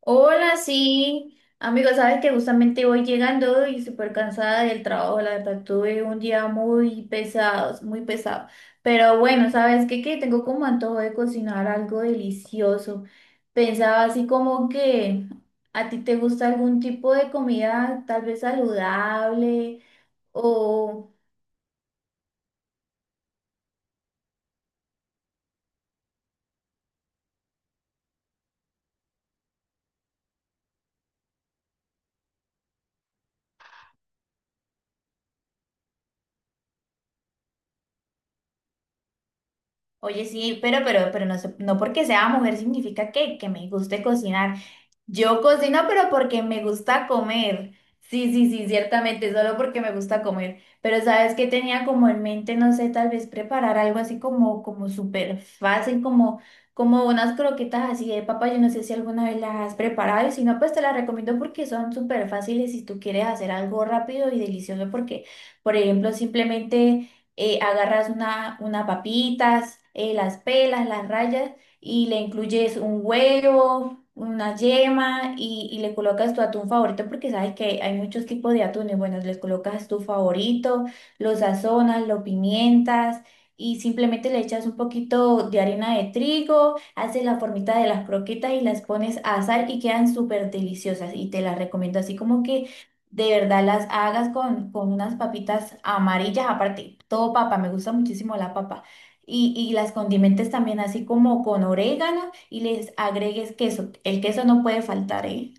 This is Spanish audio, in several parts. Hola, sí. Amigo, sabes que justamente voy llegando y súper cansada del trabajo. La verdad, tuve un día muy pesado, muy pesado. Pero bueno, ¿sabes qué? Que tengo como antojo de cocinar algo delicioso. Pensaba así como que a ti te gusta algún tipo de comida tal vez saludable o... Oye, sí, pero no, no porque sea mujer significa que me guste cocinar. Yo cocino, pero porque me gusta comer. Sí, sí, sí, ciertamente, solo porque me gusta comer. Pero sabes que tenía como en mente, no sé, tal vez preparar algo así como, como súper fácil, como, como unas croquetas así de papa. Yo no sé si alguna vez las has preparado y si no, pues te las recomiendo porque son súper fáciles si tú quieres hacer algo rápido y delicioso. Porque, por ejemplo, simplemente agarras una papitas, las pelas, las rayas y le incluyes un huevo una yema y le colocas tu atún favorito porque sabes que hay muchos tipos de atunes. Bueno, les colocas tu favorito, lo sazonas, lo pimientas y simplemente le echas un poquito de harina de trigo, haces la formita de las croquetas y las pones a asar y quedan súper deliciosas y te las recomiendo así como que de verdad las hagas con unas papitas amarillas, aparte, todo papa, me gusta muchísimo la papa. Y las condimentes también así como con orégano y les agregues queso. El queso no puede faltar, ¿eh?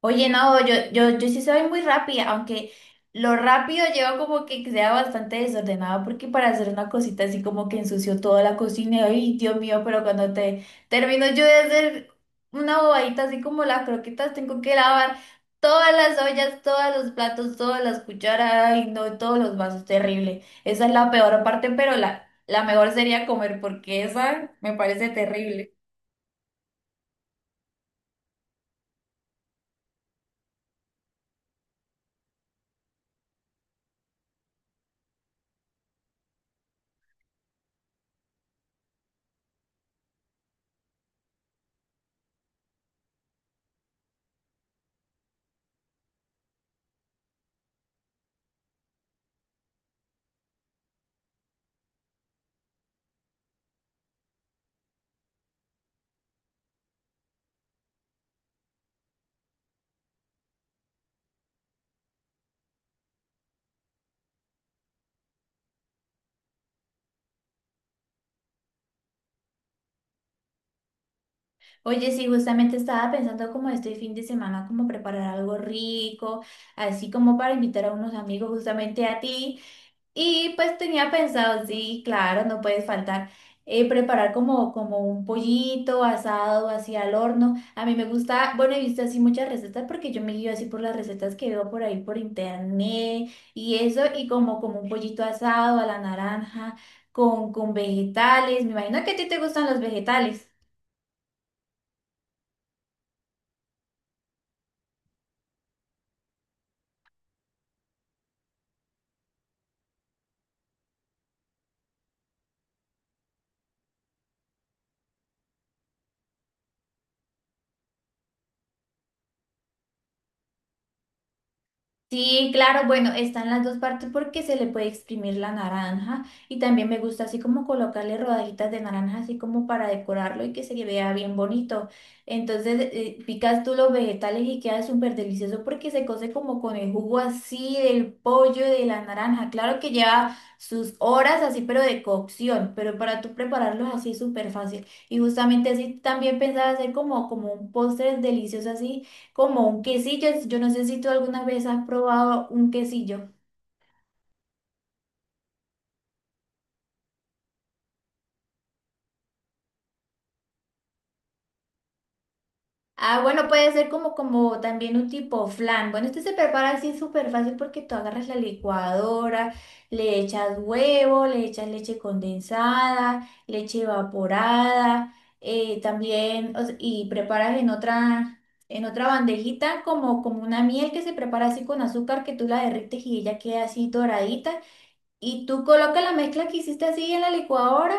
Oye, no, yo sí soy muy rápida, aunque lo rápido lleva como que sea bastante desordenado, porque para hacer una cosita así como que ensució toda la cocina, y, ay, Dios mío, pero cuando te termino yo de hacer una bobadita así como las croquetas, tengo que lavar todas las ollas, todos los platos, todas las cucharas, ay, no, todos los vasos, terrible. Esa es la peor parte, pero la mejor sería comer, porque esa me parece terrible. Oye, sí, justamente estaba pensando como este fin de semana, como preparar algo rico, así como para invitar a unos amigos justamente a ti. Y pues tenía pensado, sí, claro, no puedes faltar, preparar como, como un pollito asado, así al horno. A mí me gusta, bueno, he visto así muchas recetas porque yo me guío así por las recetas que veo por ahí por internet y eso, y como, como un pollito asado a la naranja, con vegetales. Me imagino que a ti te gustan los vegetales. Sí, claro, bueno, están las dos partes porque se le puede exprimir la naranja y también me gusta así como colocarle rodajitas de naranja así como para decorarlo y que se vea bien bonito. Entonces picas tú los vegetales y queda súper delicioso porque se cose como con el jugo así del pollo y de la naranja. Claro que lleva sus horas así pero de cocción, pero para tú prepararlos así es súper fácil. Y justamente así también pensaba hacer como, como un postre delicioso así como un quesillo, yo no sé si tú alguna vez has probado un quesillo. Ah, bueno, puede ser como, como también un tipo flan. Bueno, este se prepara así súper fácil porque tú agarras la licuadora, le echas huevo, le echas leche condensada, leche evaporada, también, o sea, y preparas en otra bandejita como, como una miel que se prepara así con azúcar que tú la derrites y ella queda así doradita. Y tú colocas la mezcla que hiciste así en la licuadora,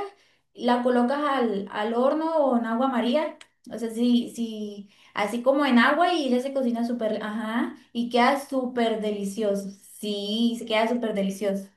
la colocas al, al horno o en agua María. O sea, sí, sí, así como en agua y ella se cocina súper, ajá, y queda súper delicioso. Sí, se queda súper delicioso.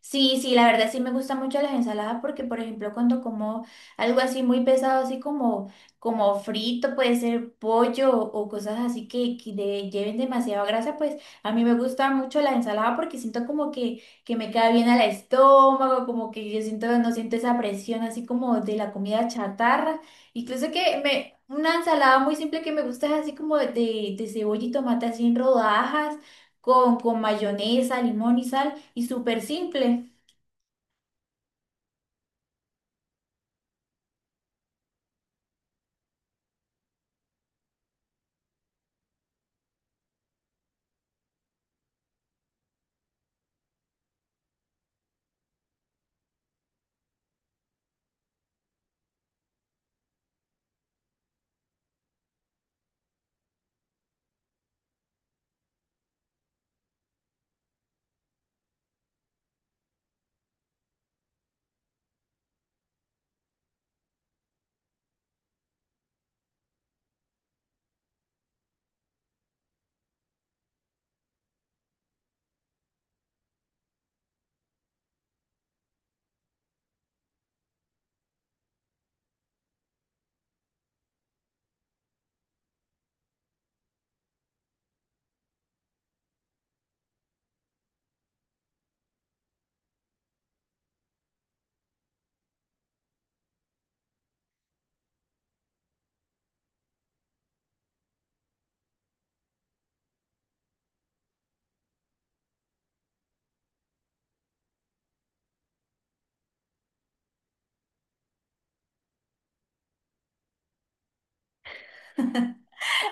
Sí, sí, la verdad sí me gustan mucho las ensaladas porque, por ejemplo, cuando como algo así muy pesado, así como, como frito, puede ser pollo o cosas así que lleven demasiada grasa, pues a mí me gusta mucho la ensalada porque siento como que me queda bien al estómago, como que yo siento, no siento esa presión así como de la comida chatarra. Incluso que me, una ensalada muy simple que me gusta es así como de cebolla y tomate así en rodajas, con mayonesa, limón y sal. Y súper simple.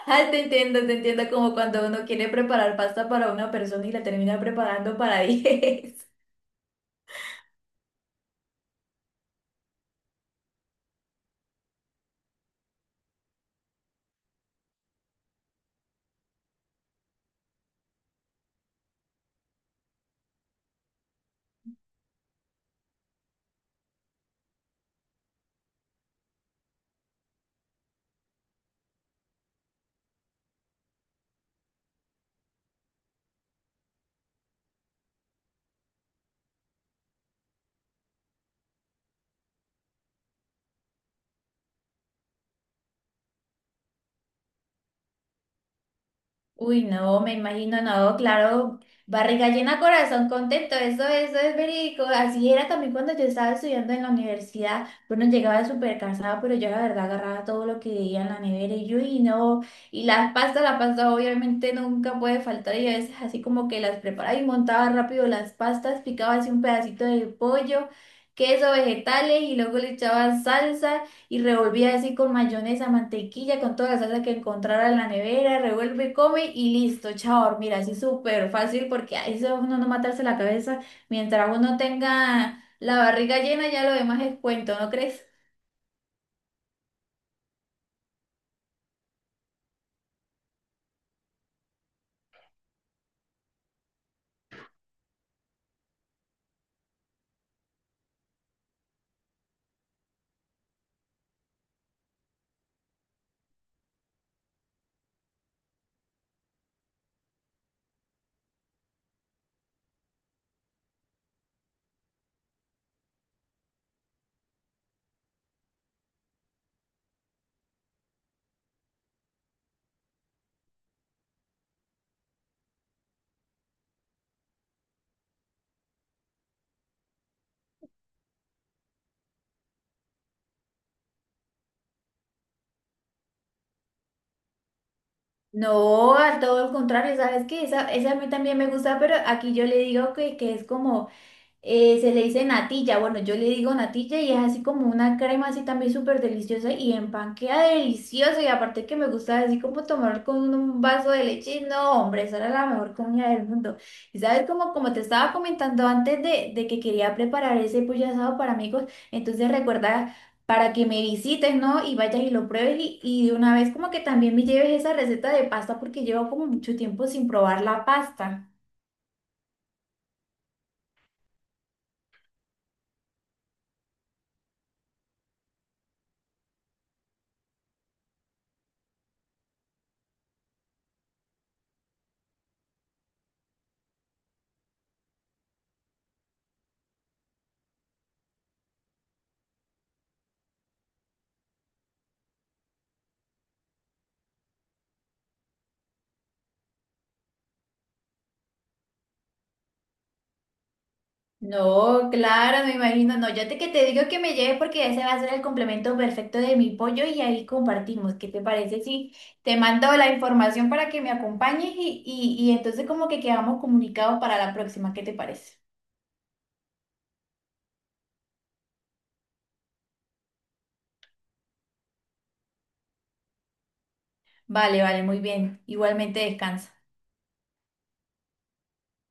Ah, te entiendo como cuando uno quiere preparar pasta para una persona y la termina preparando para diez. Uy, no, me imagino, no, claro, barriga llena, corazón contento, eso es verídico. Así era también cuando yo estaba estudiando en la universidad. Bueno, llegaba súper cansada, pero yo la verdad agarraba todo lo que veía en la nevera y yo, y no, y las pastas, la pasta obviamente nunca puede faltar y a veces así como que las preparaba y montaba rápido las pastas, picaba así un pedacito de pollo, queso, vegetales y luego le echaba salsa y revolvía así con mayonesa, mantequilla, con toda la salsa que encontrara en la nevera, revuelve, come y listo, chao, a dormir, así súper fácil porque ahí se va uno a no matarse la cabeza, mientras uno tenga la barriga llena ya lo demás es cuento, ¿no crees? No, a todo el contrario, ¿sabes qué? Esa a mí también me gusta, pero aquí yo le digo que es como se le dice natilla, bueno, yo le digo natilla y es así como una crema así también súper deliciosa y en delicioso y aparte que me gusta así como tomar con un vaso de leche, no, hombre, esa era la mejor comida del mundo. Y sabes, como, como te estaba comentando antes de que quería preparar ese pollo asado para amigos, entonces recuerda... para que me visites, ¿no? Y vayas y lo pruebes y de una vez como que también me lleves esa receta de pasta porque llevo como mucho tiempo sin probar la pasta. No, claro, me imagino. No, yo te, que te digo que me lleves porque ese va a ser el complemento perfecto de mi pollo y ahí compartimos. ¿Qué te parece si te mando la información para que me acompañes y, y entonces como que quedamos comunicados para la próxima? ¿Qué te parece? Vale, vale, muy bien. Igualmente descansa.